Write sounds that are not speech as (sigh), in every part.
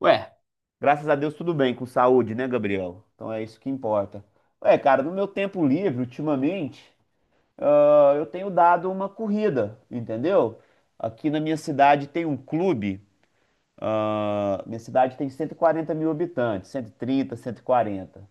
Ué, graças a Deus, tudo bem, com saúde, né, Gabriel? Então é isso que importa. Ué, cara, no meu tempo livre, ultimamente, eu tenho dado uma corrida, entendeu? Aqui na minha cidade tem um clube, minha cidade tem 140 mil habitantes, cento e trinta, 140.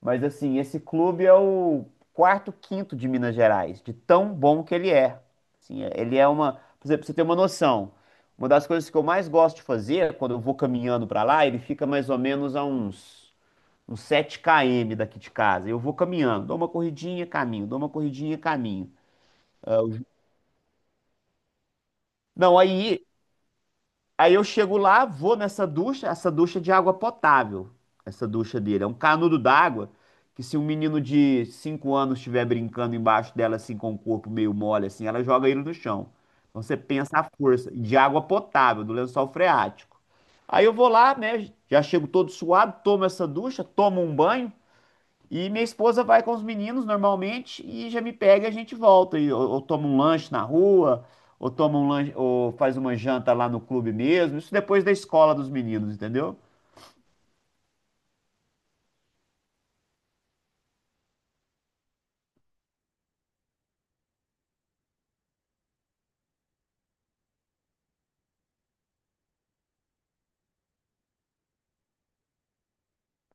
Mas assim, esse clube é o quarto, quinto de Minas Gerais, de tão bom que ele é. Assim, ele é uma, por exemplo, pra você ter uma noção. Uma das coisas que eu mais gosto de fazer quando eu vou caminhando pra lá, ele fica mais ou menos a uns 7 km daqui de casa. Eu vou caminhando, dou uma corridinha, caminho, dou uma corridinha, caminho. Ah, não, aí eu chego lá, vou nessa ducha, essa ducha é de água potável, essa ducha dele. É um canudo d'água que se um menino de 5 anos estiver brincando embaixo dela, assim, com o corpo meio mole, assim, ela joga ele no chão. Então você pensa a força de água potável, do lençol freático. Aí eu vou lá, né, já chego todo suado, tomo essa ducha, tomo um banho, e minha esposa vai com os meninos normalmente e já me pega e a gente volta. E, ou toma um lanche na rua, ou toma um lanche, ou faz uma janta lá no clube mesmo. Isso depois da escola dos meninos, entendeu?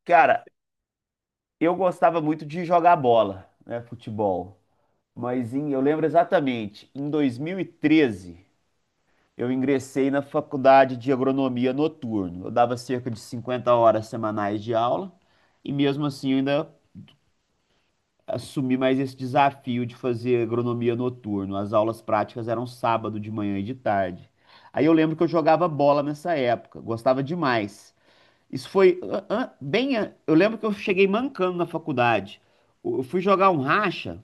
Cara, eu gostava muito de jogar bola, né, futebol. Eu lembro exatamente, em 2013, eu ingressei na faculdade de agronomia noturno. Eu dava cerca de 50 horas semanais de aula e mesmo assim eu ainda assumir mais esse desafio de fazer agronomia noturno. As aulas práticas eram sábado de manhã e de tarde. Aí eu lembro que eu jogava bola nessa época, gostava demais. Isso foi eu lembro que eu cheguei mancando na faculdade. Eu fui jogar um racha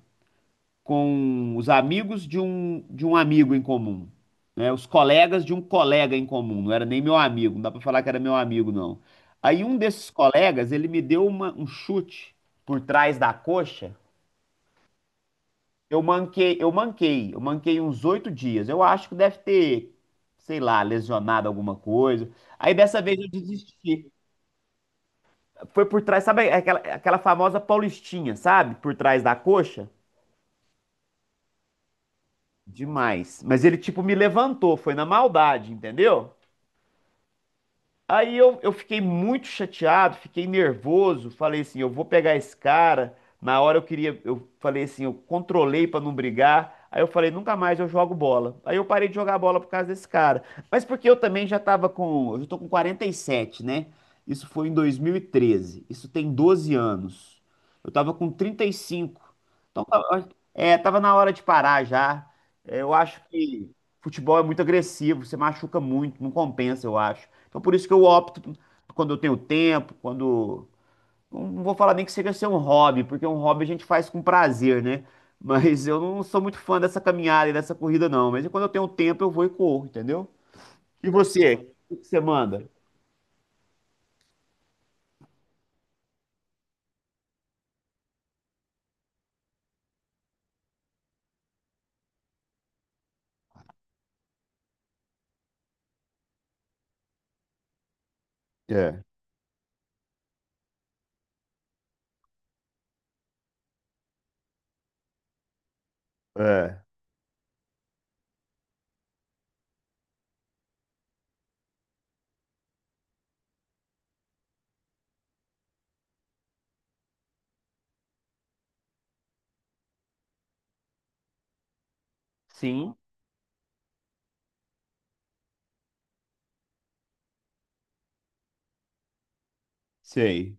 com os amigos de um amigo em comum, né? Os colegas de um colega em comum. Não era nem meu amigo, não dá pra falar que era meu amigo, não. Aí um desses colegas, ele me deu um chute por trás da coxa. Eu manquei, eu manquei, eu manquei uns 8 dias. Eu acho que deve ter, sei lá, lesionado alguma coisa. Aí dessa vez eu desisti. Foi por trás, sabe aquela, aquela famosa paulistinha, sabe? Por trás da coxa? Demais. Mas ele tipo me levantou, foi na maldade, entendeu? Aí eu fiquei muito chateado, fiquei nervoso, falei assim, eu vou pegar esse cara. Na hora eu queria, eu falei assim, eu controlei pra não brigar. Aí eu falei, nunca mais eu jogo bola. Aí eu parei de jogar bola por causa desse cara. Mas porque eu também já tava com, eu já tô com 47, né? Isso foi em 2013. Isso tem 12 anos. Eu tava com 35. Então, tava na hora de parar já. É, eu acho que futebol é muito agressivo, você machuca muito, não compensa, eu acho. Então por isso que eu opto quando eu tenho tempo, quando. Não vou falar nem que seja ser um hobby, porque um hobby a gente faz com prazer, né? (laughs) Mas eu não sou muito fã dessa caminhada e dessa corrida, não. Mas quando eu tenho tempo, eu vou e corro, entendeu? E você? O que você manda? É, é, sim, sei.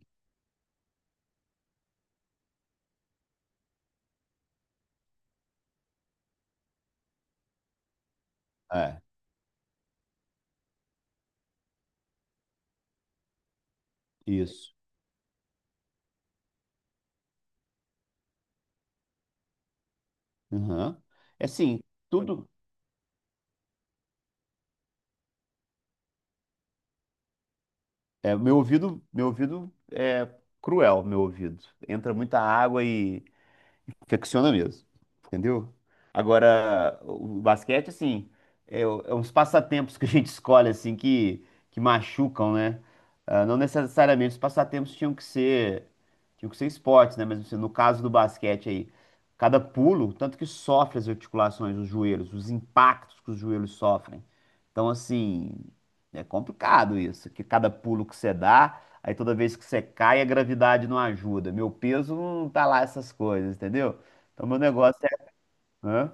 É, isso. Uhum. É assim, tudo. É, meu ouvido é cruel, meu ouvido. Entra muita água e infecciona mesmo, entendeu? Agora, o basquete, assim, é uns passatempos que a gente (laughs) escolhe, assim, que machucam, né? Ah, não necessariamente os passatempos tinham que ser esportes, né? Mas assim, no caso do basquete aí, cada pulo, tanto que sofre as articulações, os joelhos, os impactos que os joelhos sofrem. Então, assim, é complicado isso, que cada pulo que você dá. Aí toda vez que você cai, a gravidade não ajuda. Meu peso não tá lá essas coisas, entendeu? Então meu negócio é. Hã?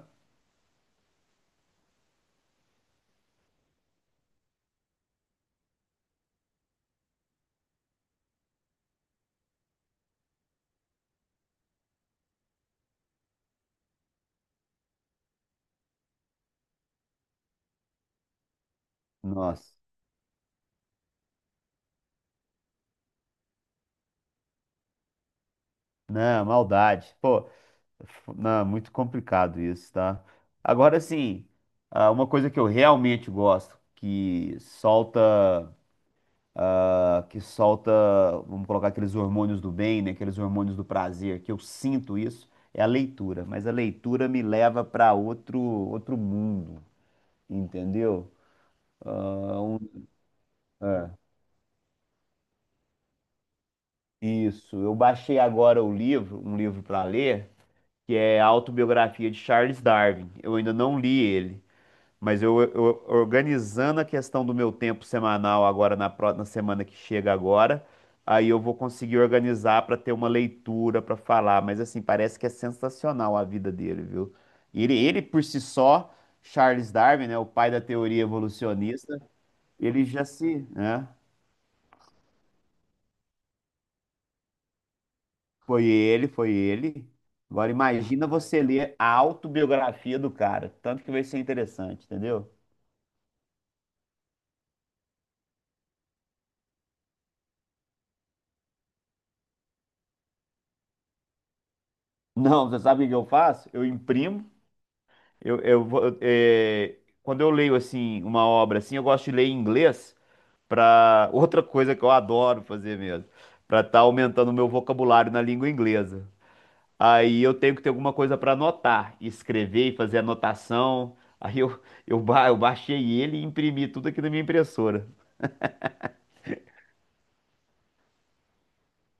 Nossa. Não, maldade. Pô, não, muito complicado isso, tá? Agora sim, uma coisa que eu realmente gosto, que solta, vamos colocar aqueles hormônios do bem, né? Aqueles hormônios do prazer, que eu sinto isso, é a leitura. Mas a leitura me leva para outro mundo, entendeu? Ah, é. Isso, eu baixei agora um livro para ler, que é a Autobiografia de Charles Darwin. Eu ainda não li ele, mas organizando a questão do meu tempo semanal agora na, na semana que chega agora, aí eu vou conseguir organizar para ter uma leitura para falar. Mas assim, parece que é sensacional a vida dele, viu? Ele por si só, Charles Darwin, né, o pai da teoria evolucionista, ele já se, né? Foi ele, foi ele. Agora imagina você ler a autobiografia do cara, tanto que vai ser interessante, entendeu? Não, você sabe o que eu faço? Eu imprimo, eu, vou- eu- é, quando eu leio assim uma obra assim, eu gosto de ler em inglês para (laughs) outra coisa que eu adoro fazer mesmo, para estar aumentando o meu vocabulário na língua inglesa. Aí eu tenho que ter alguma coisa para anotar, escrever e fazer anotação. Aí eu baixei ele e imprimi tudo aqui na minha impressora.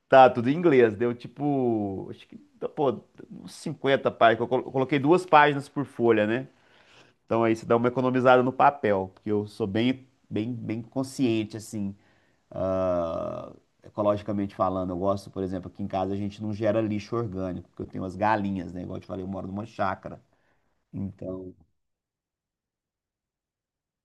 Tá, tudo em inglês. Deu tipo, acho que, pô, uns 50 páginas. Coloquei 2 páginas por folha, né? Então aí você dá uma economizada no papel, porque eu sou bem consciente, assim, ah, ecologicamente falando. Eu gosto, por exemplo, aqui em casa a gente não gera lixo orgânico, porque eu tenho as galinhas, né? Igual eu te falei, eu moro numa chácara. Então,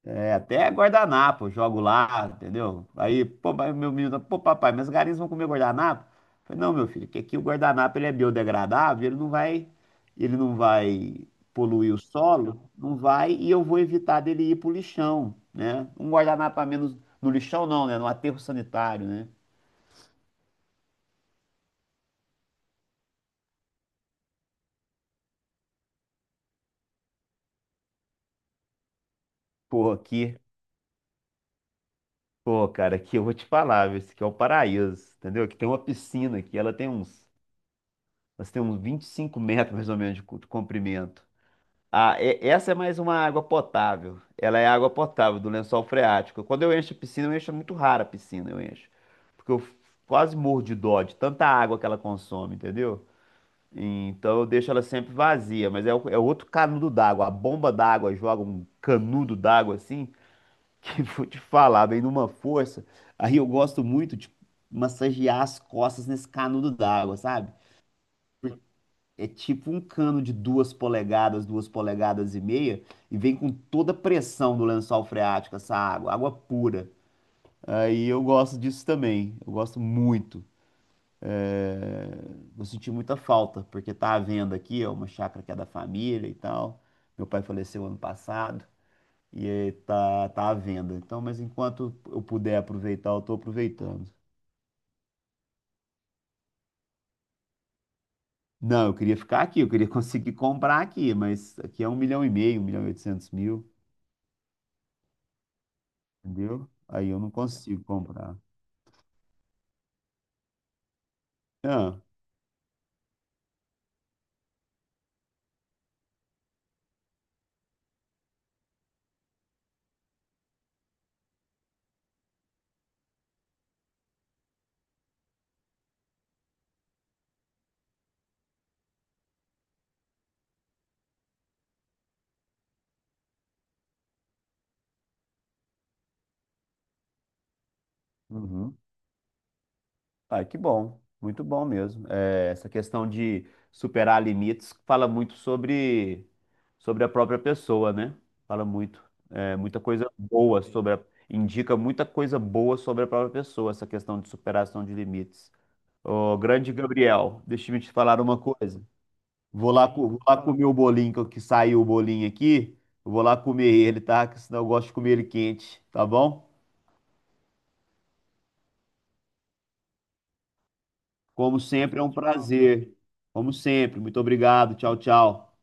é, até guardanapo, eu jogo lá, entendeu? Aí, pô, pai, meu menino, pô, papai, mas os galinhas vão comer guardanapo? Eu falei, não, meu filho, que aqui o guardanapo ele é biodegradável, ele não vai poluir o solo, não vai, e eu vou evitar dele ir pro lixão, né? Um guardanapo a menos no lixão não, né? No aterro sanitário, né? Pô, aqui, pô, cara, aqui eu vou te falar, viu? Esse aqui é o paraíso, entendeu? Aqui tem uma piscina aqui, ela tem uns 25 metros mais ou menos de comprimento. Ah, essa é mais uma água potável. Ela é água potável do lençol freático. Quando eu encho a piscina, eu encho é muito rara a piscina, eu encho. Porque eu quase morro de dó de tanta água que ela consome, entendeu? Então eu deixo ela sempre vazia, mas é outro canudo d'água. A bomba d'água joga um canudo d'água assim, que (laughs) vou te falar, vem numa força. Aí eu gosto muito de massagear as costas nesse canudo d'água, sabe? É tipo um cano de 2 polegadas, 2 polegadas e meia, e vem com toda a pressão do lençol freático, essa água, água pura. Aí eu gosto disso também, eu gosto muito. É, vou sentir muita falta, porque tá à venda aqui, é uma chácara que é da família e tal. Meu pai faleceu ano passado, e aí tá à venda. Então, mas enquanto eu puder aproveitar, eu tô aproveitando. Não, eu queria ficar aqui, eu queria (laughs) conseguir comprar aqui, mas aqui é 1,5 milhão, 1,8 milhão. Entendeu? Aí eu não consigo comprar. Ah, uhum. Ah, que bom, muito bom mesmo. É, essa questão de superar limites fala muito sobre a própria pessoa, né? Fala muito, é, muita coisa boa sobre a, indica muita coisa boa sobre a própria pessoa, essa questão de superação de limites. Ô, grande Gabriel, deixa eu te falar uma coisa. Vou lá, vou lá comer o bolinho, que saiu o bolinho aqui. Eu vou lá comer ele, tá? Que senão eu gosto de comer ele quente, tá bom? Como sempre, é um prazer. Como sempre. Muito obrigado. Tchau, tchau.